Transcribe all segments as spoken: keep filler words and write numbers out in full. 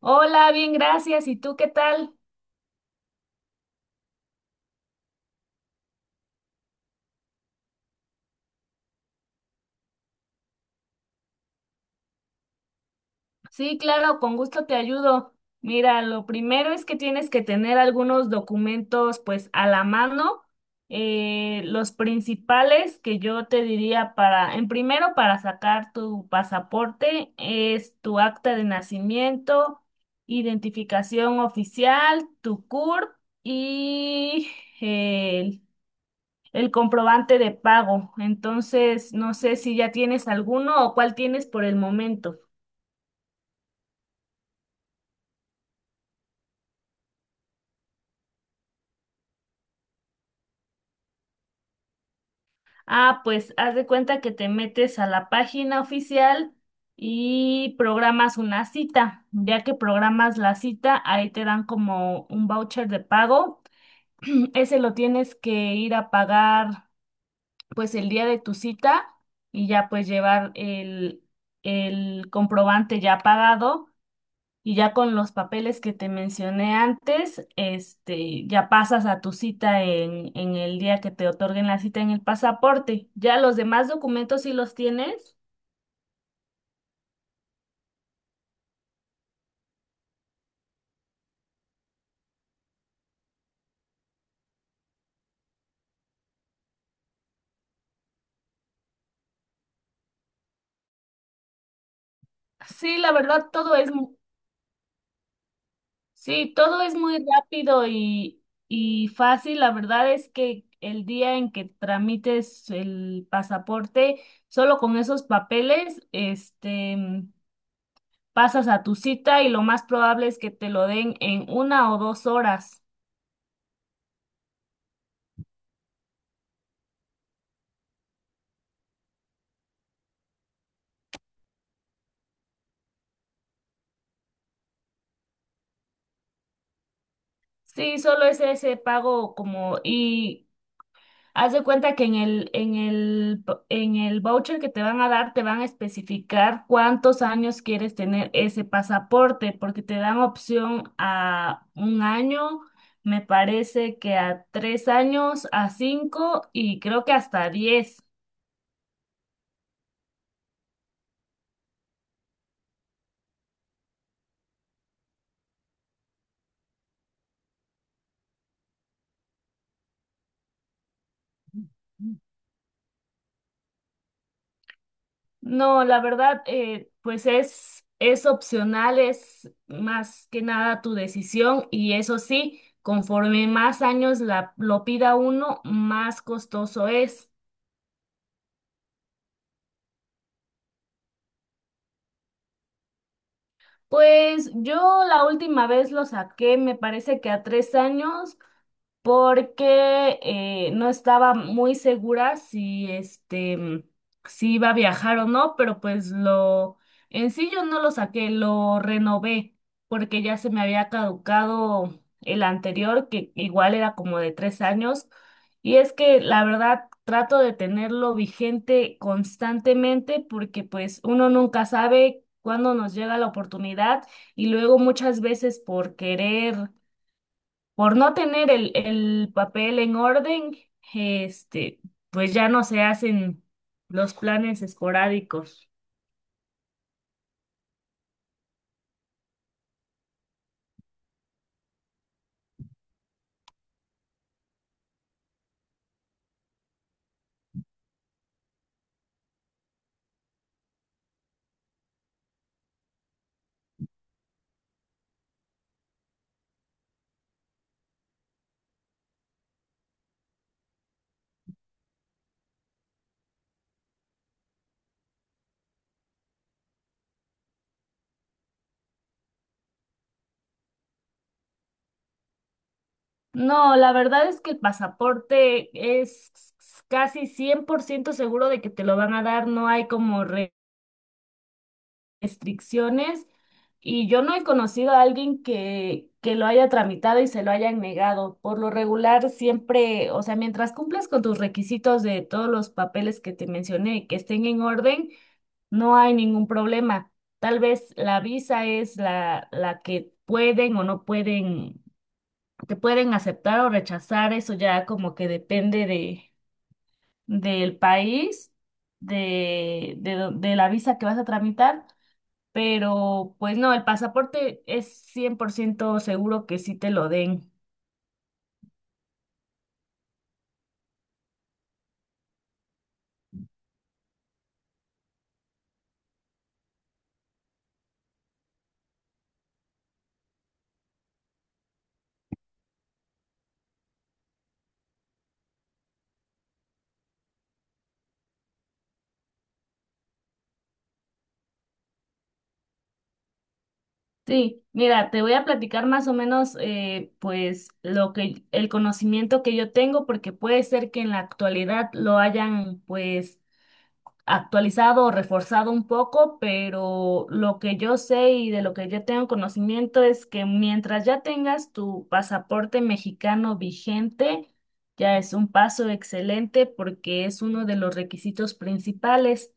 Hola, bien, gracias. ¿Y tú qué tal? Sí, claro, con gusto te ayudo. Mira, lo primero es que tienes que tener algunos documentos pues a la mano. Eh, los principales que yo te diría para, en primero para sacar tu pasaporte es tu acta de nacimiento, identificación oficial, tu CURP y el comprobante de pago. Entonces, no sé si ya tienes alguno o cuál tienes por el momento. Ah, pues haz de cuenta que te metes a la página oficial y programas una cita. Ya que programas la cita, ahí te dan como un voucher de pago. Ese lo tienes que ir a pagar pues el día de tu cita y ya pues llevar el, el comprobante ya pagado. Y ya con los papeles que te mencioné antes, este, ya pasas a tu cita en, en el día que te otorguen la cita en el pasaporte. Ya los demás documentos sí los tienes. Sí, la verdad, todo es, mu- sí, todo es muy rápido y, y fácil. La verdad es que el día en que tramites el pasaporte, solo con esos papeles, este, pasas a tu cita y lo más probable es que te lo den en una o dos horas. Sí, solo es ese pago como y haz de cuenta que en el en el en el voucher que te van a dar te van a especificar cuántos años quieres tener ese pasaporte porque te dan opción a un año, me parece que a tres años, a cinco y creo que hasta diez. No, la verdad, eh, pues es, es opcional, es más que nada tu decisión y eso sí, conforme más años la, lo pida uno, más costoso es. Pues yo la última vez lo saqué, me parece que a tres años, porque eh, no estaba muy segura si este mm, si iba a viajar o no, pero pues lo en sí yo no lo saqué, lo renové porque ya se me había caducado el anterior, que igual era como de tres años. Y es que la verdad trato de tenerlo vigente constantemente porque pues uno nunca sabe cuándo nos llega la oportunidad y luego muchas veces por querer por no tener el, el papel en orden, este, pues ya no se hacen los planes esporádicos. No, la verdad es que el pasaporte es casi cien por ciento seguro de que te lo van a dar, no hay como restricciones y yo no he conocido a alguien que, que lo haya tramitado y se lo hayan negado. Por lo regular, siempre, o sea, mientras cumplas con tus requisitos de todos los papeles que te mencioné, y que estén en orden, no hay ningún problema. Tal vez la visa es la, la que pueden o no pueden, te pueden aceptar o rechazar, eso ya como que depende de, del país, de, de, do- de la visa que vas a tramitar, pero pues no, el pasaporte es cien por ciento seguro que sí te lo den. Sí, mira, te voy a platicar más o menos eh, pues lo que el conocimiento que yo tengo porque puede ser que en la actualidad lo hayan pues actualizado o reforzado un poco, pero lo que yo sé y de lo que yo tengo conocimiento es que mientras ya tengas tu pasaporte mexicano vigente, ya es un paso excelente porque es uno de los requisitos principales.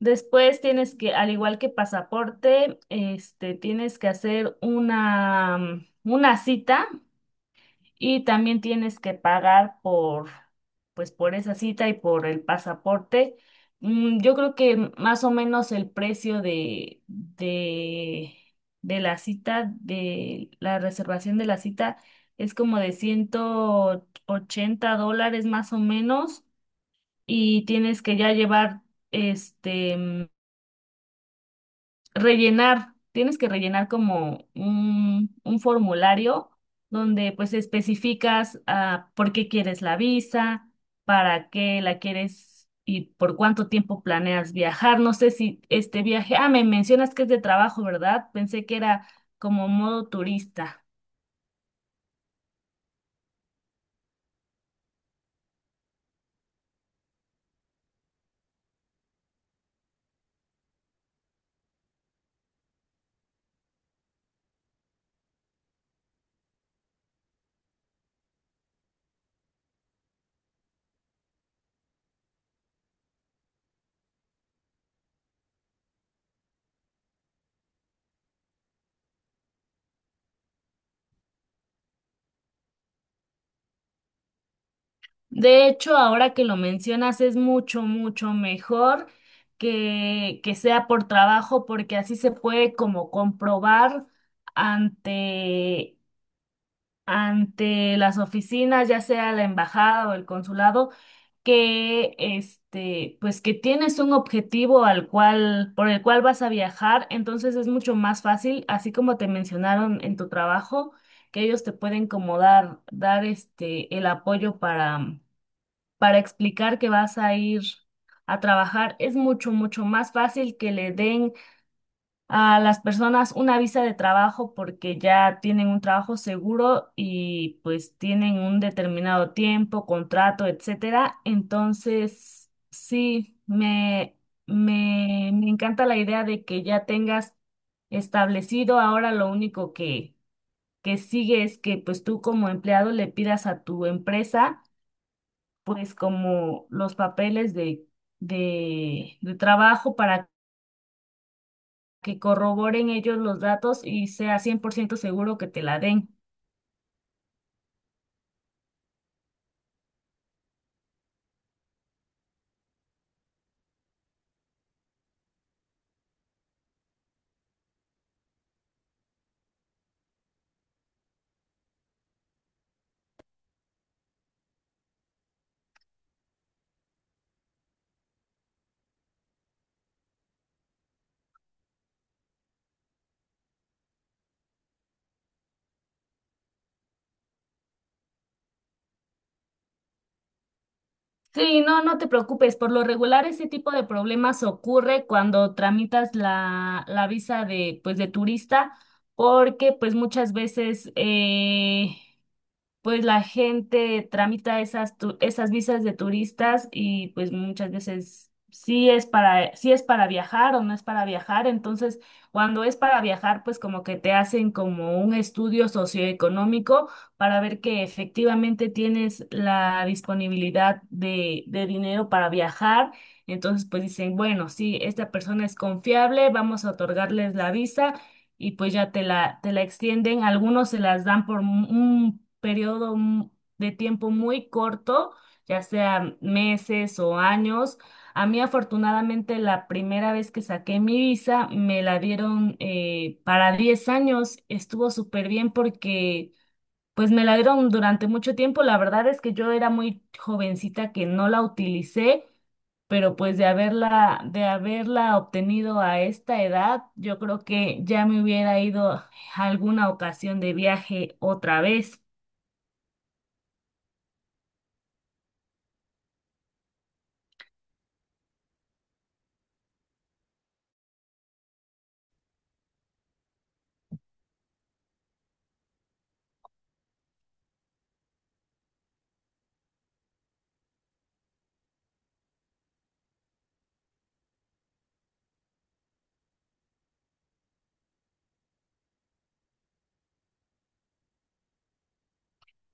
Después tienes que, al igual que pasaporte, este, tienes que hacer una, una cita y también tienes que pagar por, pues, por esa cita y por el pasaporte. Mm, yo creo que más o menos el precio de, de, de la cita, de la reservación de la cita, es como de ciento ochenta dólares más o menos. Y tienes que ya llevar este rellenar, tienes que rellenar como un, un formulario donde pues especificas ah, por qué quieres la visa, para qué la quieres y por cuánto tiempo planeas viajar. No sé si este viaje, ah, me mencionas que es de trabajo, ¿verdad? Pensé que era como modo turista. De hecho, ahora que lo mencionas, es mucho, mucho mejor que, que sea por trabajo, porque así se puede como comprobar ante ante las oficinas, ya sea la embajada o el consulado, que este, pues que tienes un objetivo al cual, por el cual vas a viajar, entonces es mucho más fácil, así como te mencionaron en tu trabajo, que ellos te pueden como dar, dar este el apoyo para, para explicar que vas a ir a trabajar. Es mucho, mucho más fácil que le den a las personas una visa de trabajo porque ya tienen un trabajo seguro y pues tienen un determinado tiempo, contrato, etcétera. Entonces, sí, me, me, me encanta la idea de que ya tengas establecido. Ahora lo único que, que sigue es que pues tú como empleado le pidas a tu empresa pues como los papeles de, de, de trabajo para que corroboren ellos los datos y sea cien por ciento seguro que te la den. Sí, no, no te preocupes. Por lo regular, ese tipo de problemas ocurre cuando tramitas la, la visa de, pues, de turista, porque pues muchas veces eh, pues la gente tramita esas, tu- esas visas de turistas y pues muchas veces sí es para, sí es para viajar o no es para viajar. Entonces, cuando es para viajar, pues como que te hacen como un estudio socioeconómico para ver que efectivamente tienes la disponibilidad de, de dinero para viajar. Entonces, pues dicen, bueno, sí, esta persona es confiable, vamos a otorgarles la visa y pues ya te la, te la extienden. Algunos se las dan por un un periodo mu- de tiempo muy corto, ya sea meses o años. A mí afortunadamente la primera vez que saqué mi visa me la dieron eh, para diez años. Estuvo súper bien porque pues me la dieron durante mucho tiempo. La verdad es que yo era muy jovencita que no la utilicé, pero pues de haberla, de haberla obtenido a esta edad, yo creo que ya me hubiera ido a alguna ocasión de viaje otra vez.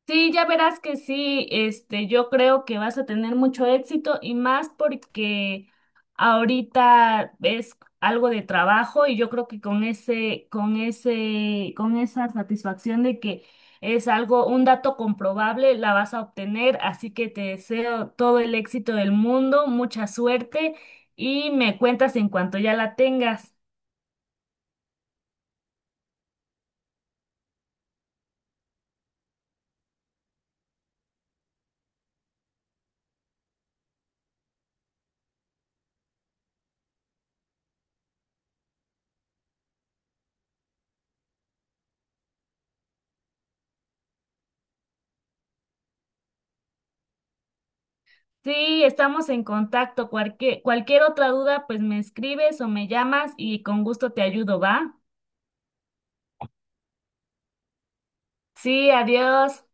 Sí, ya verás que sí, este, yo creo que vas a tener mucho éxito y más porque ahorita es algo de trabajo y yo creo que con ese, con ese, con esa satisfacción de que es algo, un dato comprobable, la vas a obtener, así que te deseo todo el éxito del mundo, mucha suerte y me cuentas en cuanto ya la tengas. Sí, estamos en contacto. Cualquier, cualquier otra duda, pues me escribes o me llamas y con gusto te ayudo, ¿va? Sí, adiós.